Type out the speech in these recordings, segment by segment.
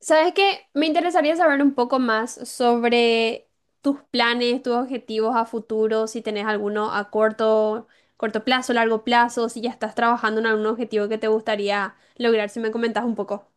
¿Sabes qué? Me interesaría saber un poco más sobre tus planes, tus objetivos a futuro, si tenés alguno a corto plazo, largo plazo, si ya estás trabajando en algún objetivo que te gustaría lograr, si me comentas un poco.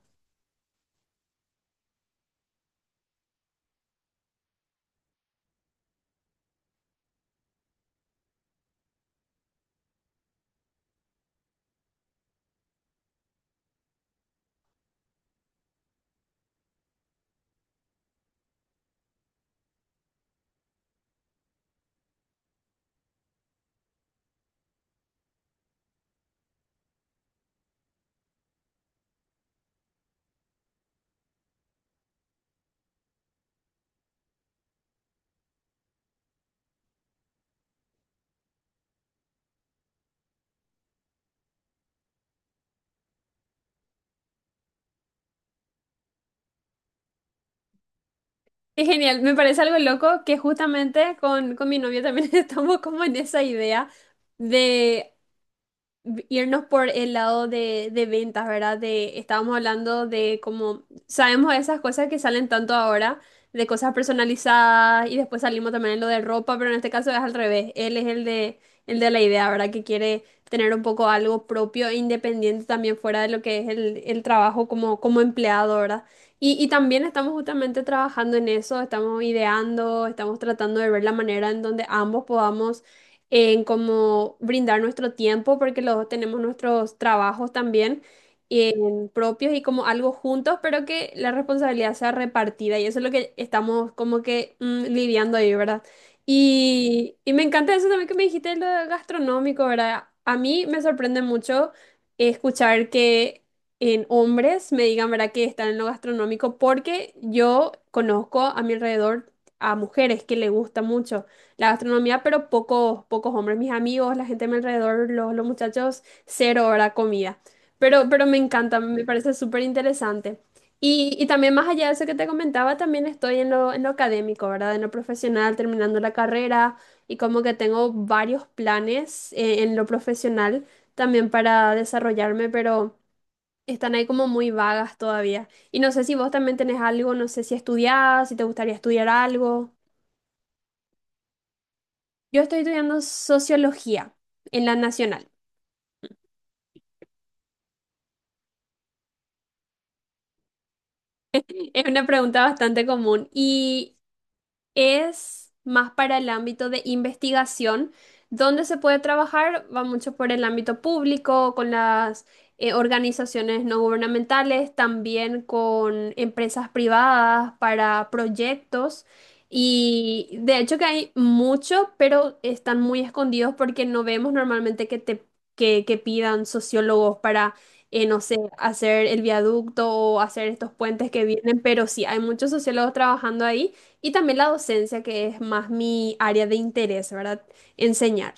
Es genial, me parece algo loco que justamente con mi novio también estamos como en esa idea de irnos por el lado de ventas, ¿verdad? De, estábamos hablando de cómo sabemos esas cosas que salen tanto ahora, de cosas personalizadas y después salimos también en lo de ropa, pero en este caso es al revés. Él es el de la idea, ¿verdad? Que quiere tener un poco algo propio e independiente también fuera de lo que es el trabajo como empleado, ¿verdad? Y también estamos justamente trabajando en eso, estamos ideando, estamos tratando de ver la manera en donde ambos podamos en cómo brindar nuestro tiempo, porque los dos tenemos nuestros trabajos también en propios y como algo juntos, pero que la responsabilidad sea repartida y eso es lo que estamos como que lidiando ahí, ¿verdad? Y me encanta eso también que me dijiste lo gastronómico, ¿verdad? A mí me sorprende mucho escuchar que en hombres me digan, ¿verdad?, que están en lo gastronómico porque yo conozco a mi alrededor a mujeres que le gusta mucho la gastronomía, pero pocos hombres. Mis amigos, la gente a mi alrededor, los muchachos, cero hora comida. Pero me encanta, me parece súper interesante. Y también más allá de eso que te comentaba, también estoy en en lo académico, ¿verdad? En lo profesional, terminando la carrera y como que tengo varios planes en lo profesional también para desarrollarme, pero están ahí como muy vagas todavía. Y no sé si vos también tenés algo, no sé si estudiás, si te gustaría estudiar algo. Yo estoy estudiando sociología en la nacional. Es una pregunta bastante común y es más para el ámbito de investigación, donde se puede trabajar, va mucho por el ámbito público, con las organizaciones no gubernamentales, también con empresas privadas para proyectos. Y de hecho que hay mucho, pero están muy escondidos porque no vemos normalmente que pidan sociólogos para, no sé, hacer el viaducto o hacer estos puentes que vienen, pero sí, hay muchos sociólogos trabajando ahí. Y también la docencia, que es más mi área de interés, ¿verdad? Enseñar.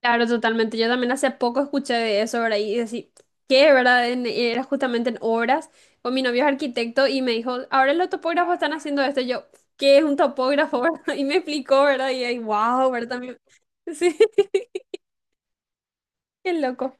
Claro, totalmente. Yo también hace poco escuché de eso, ¿verdad? Y decir, ¿qué, verdad? Era justamente en obras, con mi novio es arquitecto y me dijo, ahora los topógrafos están haciendo esto. Y yo, ¿qué es un topógrafo? Y me explicó, ¿verdad? Y ahí, wow, ¿verdad? También. Sí, qué loco.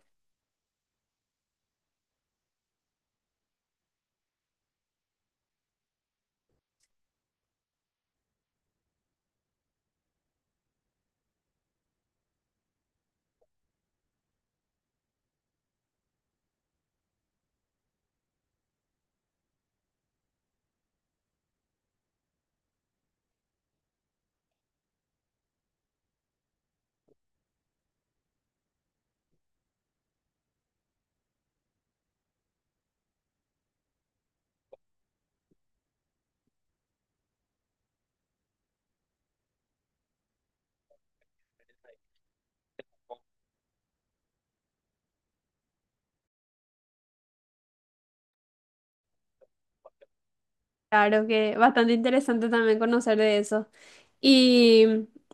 Claro que bastante interesante también conocer de eso. Y,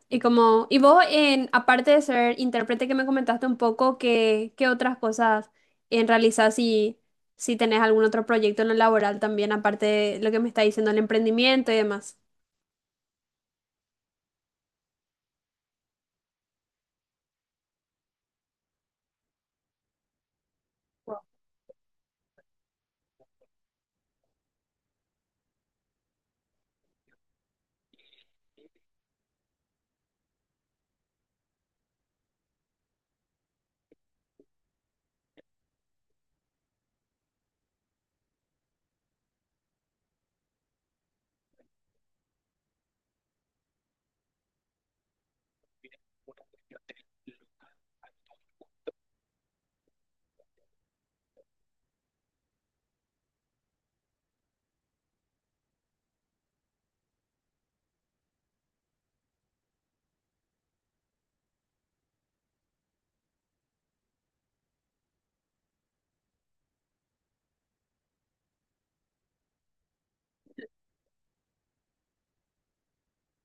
y como, y vos, en, aparte de ser intérprete que me comentaste un poco, ¿qué otras cosas en realizar si tenés algún otro proyecto en lo laboral también, aparte de lo que me está diciendo el emprendimiento y demás?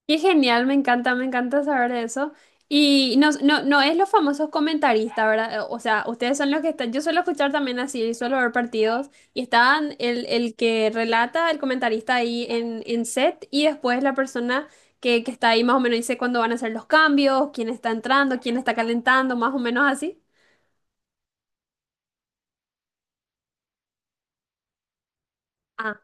Qué genial, me encanta saber de eso. Y no es los famosos comentaristas, ¿verdad? O sea, ustedes son los que están, yo suelo escuchar también así, suelo ver partidos y están el que relata, el comentarista ahí en set y después la persona que está ahí más o menos dice cuándo van a hacer los cambios, quién está entrando, quién está calentando, más o menos así. Ah,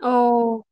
wow.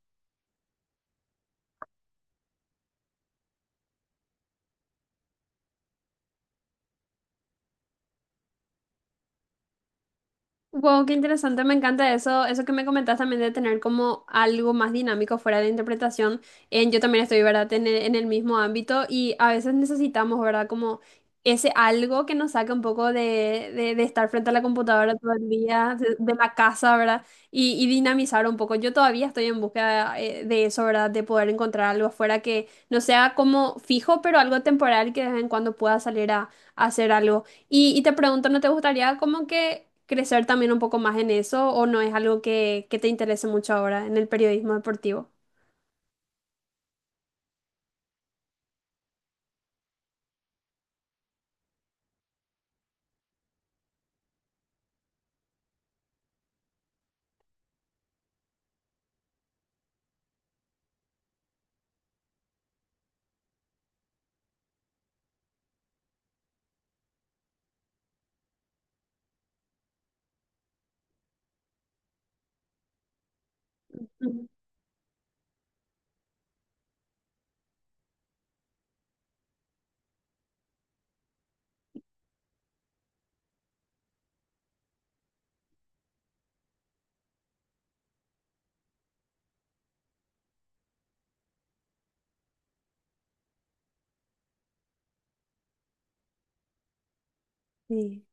Wow, qué interesante, me encanta eso, eso que me comentas también de tener como algo más dinámico fuera de interpretación. En, yo también estoy, ¿verdad?, en en el mismo ámbito y a veces necesitamos, ¿verdad?, como ese algo que nos saque un poco de estar frente a la computadora todo el día, de la casa, ¿verdad?, y dinamizar un poco. Yo todavía estoy en búsqueda de eso, ¿verdad?, de poder encontrar algo afuera que no sea como fijo, pero algo temporal que de vez en cuando pueda salir a hacer algo. Y te pregunto, ¿no te gustaría como que crecer también un poco más en eso o no es algo que te interese mucho ahora en el periodismo deportivo? Ujú. Sí.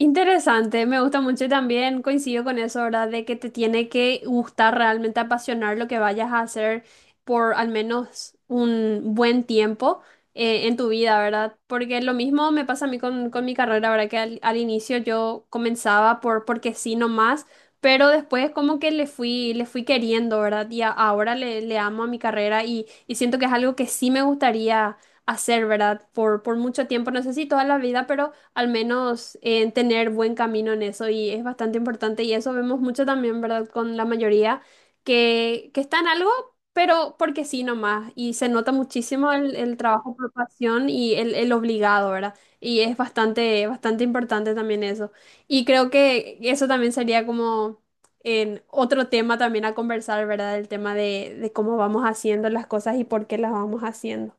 Interesante, me gusta mucho y también coincido con eso, ¿verdad? De que te tiene que gustar realmente apasionar lo que vayas a hacer por al menos un buen tiempo en tu vida, ¿verdad? Porque lo mismo me pasa a mí con mi carrera, ¿verdad? Que al inicio yo comenzaba por porque sí nomás, pero después como que le fui queriendo, ¿verdad? Y ahora le amo a mi carrera y siento que es algo que sí me gustaría hacer, ¿verdad? Por mucho tiempo, no sé si toda la vida, pero al menos en tener buen camino en eso y es bastante importante y eso vemos mucho también, ¿verdad? Con la mayoría que está en algo, pero porque sí nomás y se nota muchísimo el trabajo por pasión y el obligado, ¿verdad? Y es bastante importante también eso. Y creo que eso también sería como en otro tema también a conversar, ¿verdad? El tema de cómo vamos haciendo las cosas y por qué las vamos haciendo.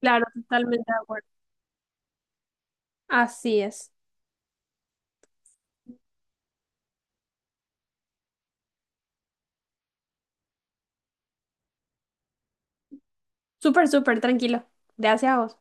Claro, totalmente de acuerdo. Así es. Súper tranquilo. Gracias a vos.